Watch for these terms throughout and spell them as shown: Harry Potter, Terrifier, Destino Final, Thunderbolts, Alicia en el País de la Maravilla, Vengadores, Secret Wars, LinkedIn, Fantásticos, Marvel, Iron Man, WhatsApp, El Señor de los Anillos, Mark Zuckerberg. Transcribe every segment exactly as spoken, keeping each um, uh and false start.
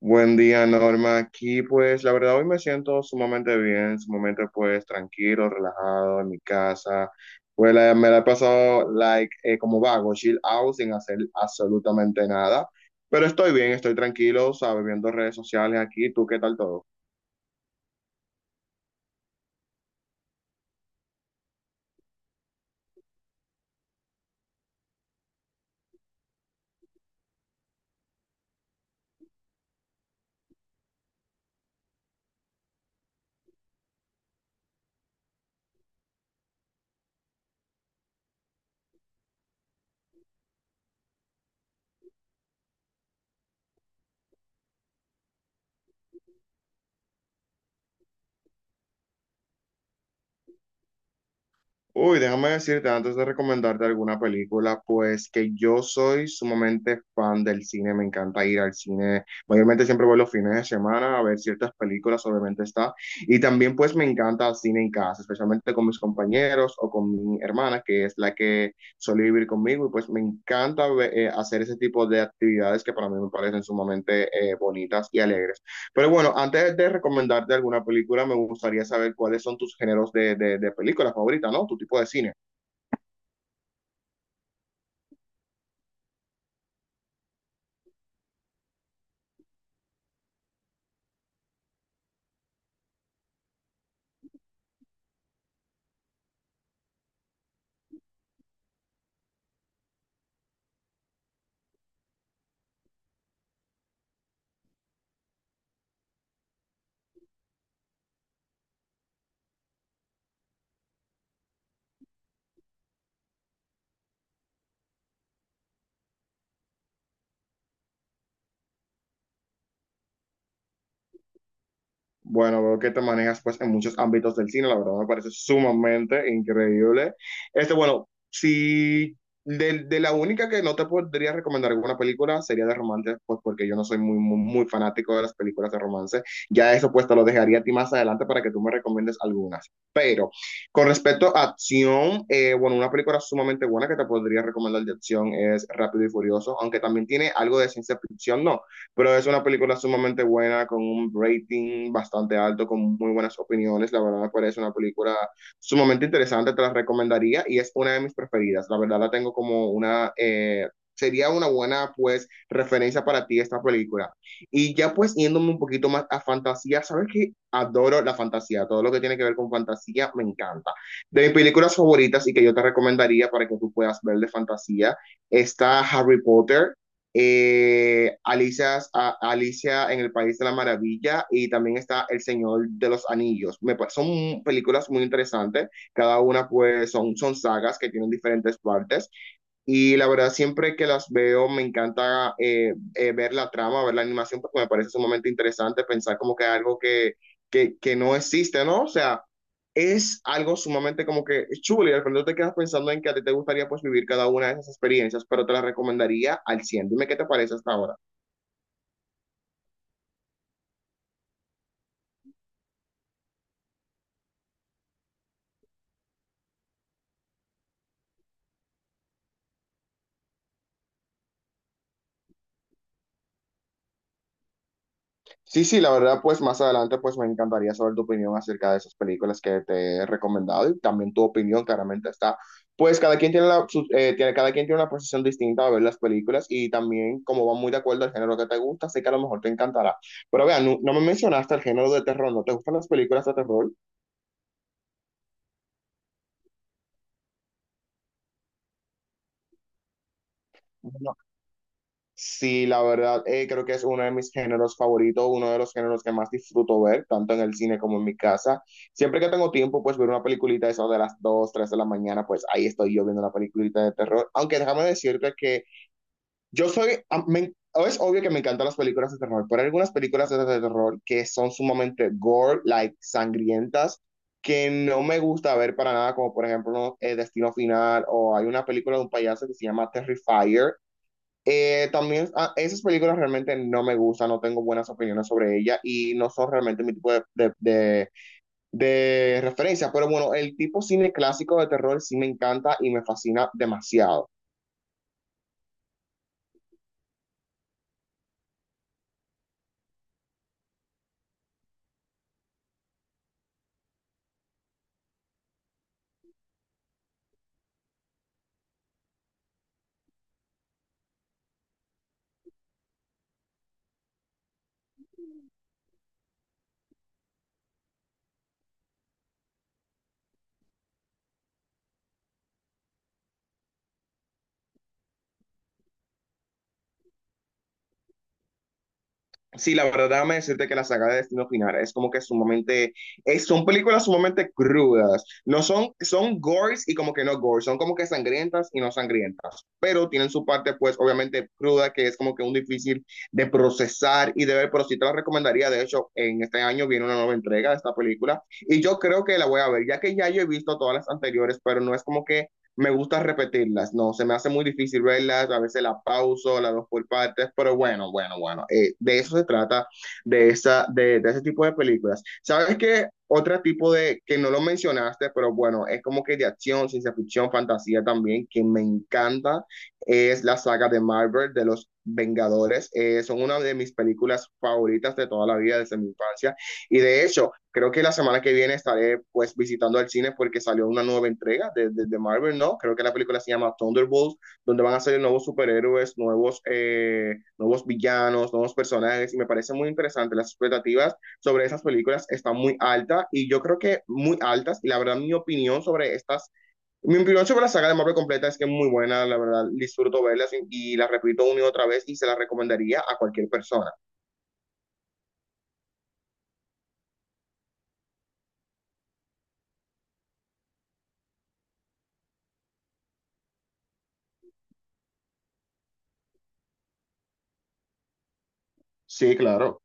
Buen día, Norma. Aquí, pues, la verdad, hoy me siento sumamente bien, sumamente, pues, tranquilo, relajado en mi casa. Pues, la- me la he pasado, like, eh, como vago, chill out, sin hacer absolutamente nada. Pero estoy bien, estoy tranquilo, ¿sabes? Viendo redes sociales aquí. ¿Tú qué tal todo? Uy, déjame decirte antes de recomendarte alguna película, pues que yo soy sumamente fan del cine, me encanta ir al cine, mayormente siempre voy los fines de semana a ver ciertas películas, obviamente está, y también pues me encanta el cine en casa, especialmente con mis compañeros o con mi hermana, que es la que suele vivir conmigo, y pues me encanta ve- eh, hacer ese tipo de actividades que para mí me parecen sumamente eh, bonitas y alegres. Pero bueno, antes de recomendarte alguna película, me gustaría saber cuáles son tus géneros de, de, de película favorita, ¿no? Tu tipo de cine. Bueno, veo que te manejas pues en muchos ámbitos del cine, la verdad me parece sumamente increíble. Este, bueno, si de, de la única que no te podría recomendar alguna película sería de romance, pues porque yo no soy muy, muy, muy fanático de las películas de romance. Ya eso pues te lo dejaría a ti más adelante para que tú me recomiendes algunas. Pero con respecto a acción, eh, bueno, una película sumamente buena que te podría recomendar de acción es Rápido y Furioso, aunque también tiene algo de ciencia ficción, ¿no? Pero es una película sumamente buena, con un rating bastante alto, con muy buenas opiniones. La verdad me parece una película sumamente interesante, te la recomendaría y es una de mis preferidas. La verdad la tengo como una, eh, sería una buena pues referencia para ti esta película. Y ya pues yéndome un poquito más a fantasía, sabes que adoro la fantasía, todo lo que tiene que ver con fantasía me encanta. De mis películas favoritas y que yo te recomendaría para que tú puedas ver de fantasía está Harry Potter, eh, Alicia's- a- Alicia en el País de la Maravilla y también está El Señor de los Anillos. Me, pa- son películas muy interesantes, cada una pues son, son sagas que tienen diferentes partes y la verdad, siempre que las veo, me encanta eh, eh, ver la trama, ver la animación, porque me parece sumamente interesante pensar como que algo que, que, que no existe, ¿no? O sea, es algo sumamente como que chulo y al final te quedas pensando en que a ti te gustaría pues vivir cada una de esas experiencias, pero te las recomendaría al cien. Dime qué te parece hasta ahora. Sí, sí, la verdad, pues más adelante, pues me encantaría saber tu opinión acerca de esas películas que te he recomendado y también tu opinión, claramente está. Pues cada quien tiene, la, su- eh, tiene- cada quien tiene una posición distinta de ver las películas y también como va muy de acuerdo al género que te gusta, sé que a lo mejor te encantará. Pero vean, no, no me mencionaste el género de terror, ¿no te gustan las películas de terror? Sí, la verdad, eh, creo que es uno de mis géneros favoritos, uno de los géneros que más disfruto ver, tanto en el cine como en mi casa. Siempre que tengo tiempo, pues ver una peliculita eso de las dos, tres de la mañana, pues ahí estoy yo viendo una peliculita de terror. Aunque déjame decirte que yo soy, a- me- es obvio que me encantan las películas de terror, pero hay algunas películas de, de terror que son sumamente gore, like sangrientas, que no me gusta ver para nada, como por ejemplo eh, Destino Final, o hay una película de un payaso que se llama Terrifier, eh, también ah, esas películas realmente no me gustan, no tengo buenas opiniones sobre ellas y no son realmente mi tipo de, de, de- de referencia. Pero bueno, el tipo cine clásico de terror sí me encanta y me fascina demasiado. Sí, la verdad, déjame decirte que la saga de Destino Final es como que sumamente, es- son películas sumamente crudas. No son, son gores y como que no gores, son como que sangrientas y no sangrientas, pero tienen su parte pues obviamente cruda que es como que un difícil de procesar y de ver, pero sí te la recomendaría. De hecho, en este año viene una nueva entrega de esta película y yo creo que la voy a ver, ya que ya yo he visto todas las anteriores, pero no es como que me gusta repetirlas, no, se me hace muy difícil verlas, a veces las pauso, las dos por partes, pero bueno, bueno, bueno, eh, de eso se trata, de, esa, de, de, ese tipo de películas. ¿Sabes qué? Otro tipo de, que no lo mencionaste, pero bueno, es como que de acción, ciencia ficción, fantasía también, que me encanta, es la saga de Marvel, de los Vengadores, eh, son una de mis películas favoritas de toda la vida, desde mi infancia, y de hecho, creo que la semana que viene estaré pues visitando al cine porque salió una nueva entrega de, de, de Marvel, ¿no? Creo que la película se llama Thunderbolts, donde van a salir nuevos superhéroes, nuevos, eh, nuevos villanos, nuevos personajes, y me parece muy interesante. Las expectativas sobre esas películas están muy altas y yo creo que muy altas, y la verdad mi opinión sobre estas mi opinión sobre la saga de Marvel completa es que es muy buena, la verdad, disfruto verla y, y la repito una y otra vez y se la recomendaría a cualquier persona. Sí, claro.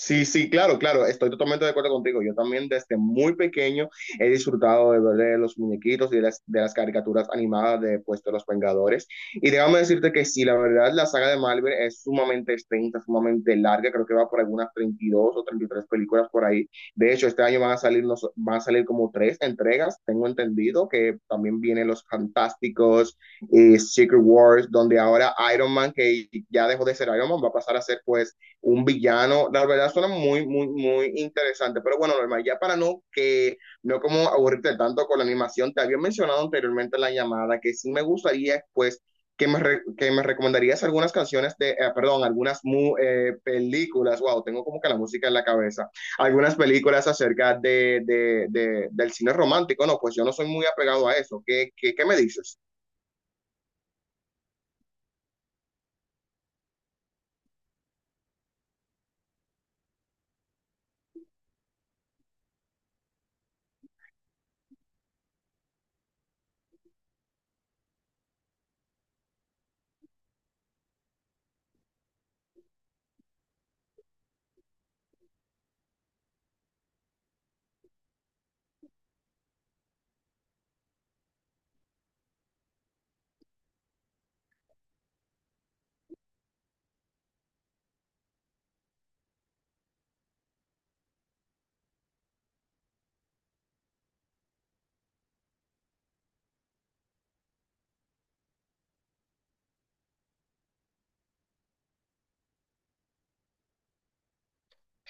Sí, sí, claro, claro, estoy totalmente de acuerdo contigo. Yo también desde muy pequeño he disfrutado de ver de los muñequitos y de las, de las caricaturas animadas de, pues, de los Vengadores. Y déjame decirte que sí, la verdad, la saga de Marvel es sumamente extensa, sumamente larga, creo que va por algunas treinta y dos o treinta y tres películas por ahí. De hecho, este año van a salir, nos, van a salir como tres entregas, tengo entendido, que también vienen los Fantásticos, y Secret Wars, donde ahora Iron Man, que ya dejó de ser Iron Man, va a pasar a ser pues un villano. La verdad suena muy, muy, muy interesante. Pero bueno, normal, ya para no que no como aburrirte tanto con la animación, te había mencionado anteriormente en la llamada que sí me gustaría, pues, que me, re- que me recomendarías algunas canciones de, eh, perdón, algunas mu- eh, películas, wow, tengo como que la música en la cabeza, algunas películas acerca de, de, de- del cine romántico, no, pues yo no soy muy apegado a eso, ¿qué, qué, qué me dices?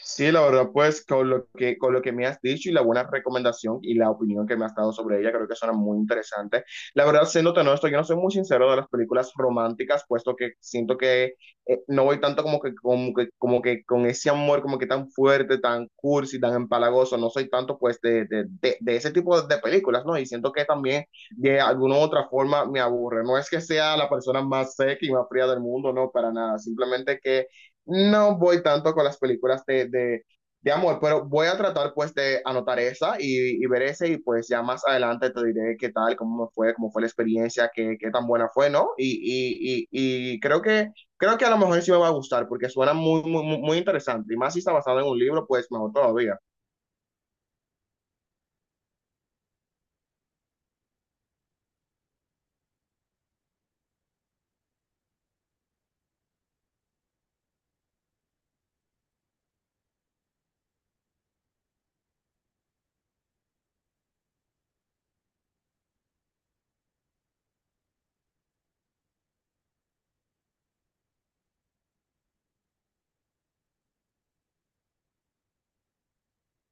Sí, la verdad, pues con lo que, con lo que me has dicho y la buena recomendación y la opinión que me has dado sobre ella, creo que suena muy interesante. La verdad, siéndote honesto, yo no soy muy sincero de las películas románticas, puesto que siento que eh, no voy tanto como que, como que, como que con ese amor como que tan fuerte, tan cursi, tan empalagoso, no soy tanto pues de, de, de, de ese tipo de películas, ¿no? Y siento que también de alguna u otra forma me aburre. No es que sea la persona más seca y más fría del mundo, no, para nada, simplemente que no voy tanto con las películas de, de, de amor, pero voy a tratar pues de anotar esa y, y ver ese y pues ya más adelante te diré qué tal, cómo me fue, cómo fue la experiencia, qué, qué tan buena fue, ¿no? Y, y, y, y creo que, creo que a lo mejor sí me va a gustar porque suena muy, muy, muy muy interesante y más si está basado en un libro, pues mejor todavía.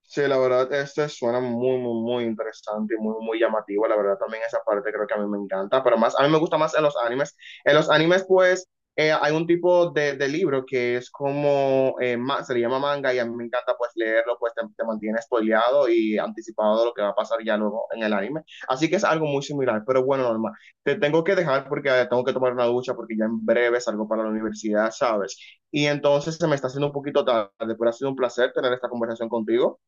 Sí, la verdad, este suena muy, muy, muy interesante y muy, muy llamativo. La verdad, también esa parte creo que a mí me encanta, pero más, a mí me gusta más en los animes. En los animes, pues, eh, hay un tipo de, de libro que es como, eh, ma- se le llama manga y a mí me encanta, pues, leerlo, pues, te, te mantiene spoileado y anticipado de lo que va a pasar ya luego en el anime. Así que es algo muy similar, pero bueno, Norma, te tengo que dejar porque eh, tengo que tomar una ducha porque ya en breve salgo para la universidad, ¿sabes? Y entonces se me está haciendo un poquito tarde, pero ha sido un placer tener esta conversación contigo.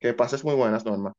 Que pases muy buenas, Norma.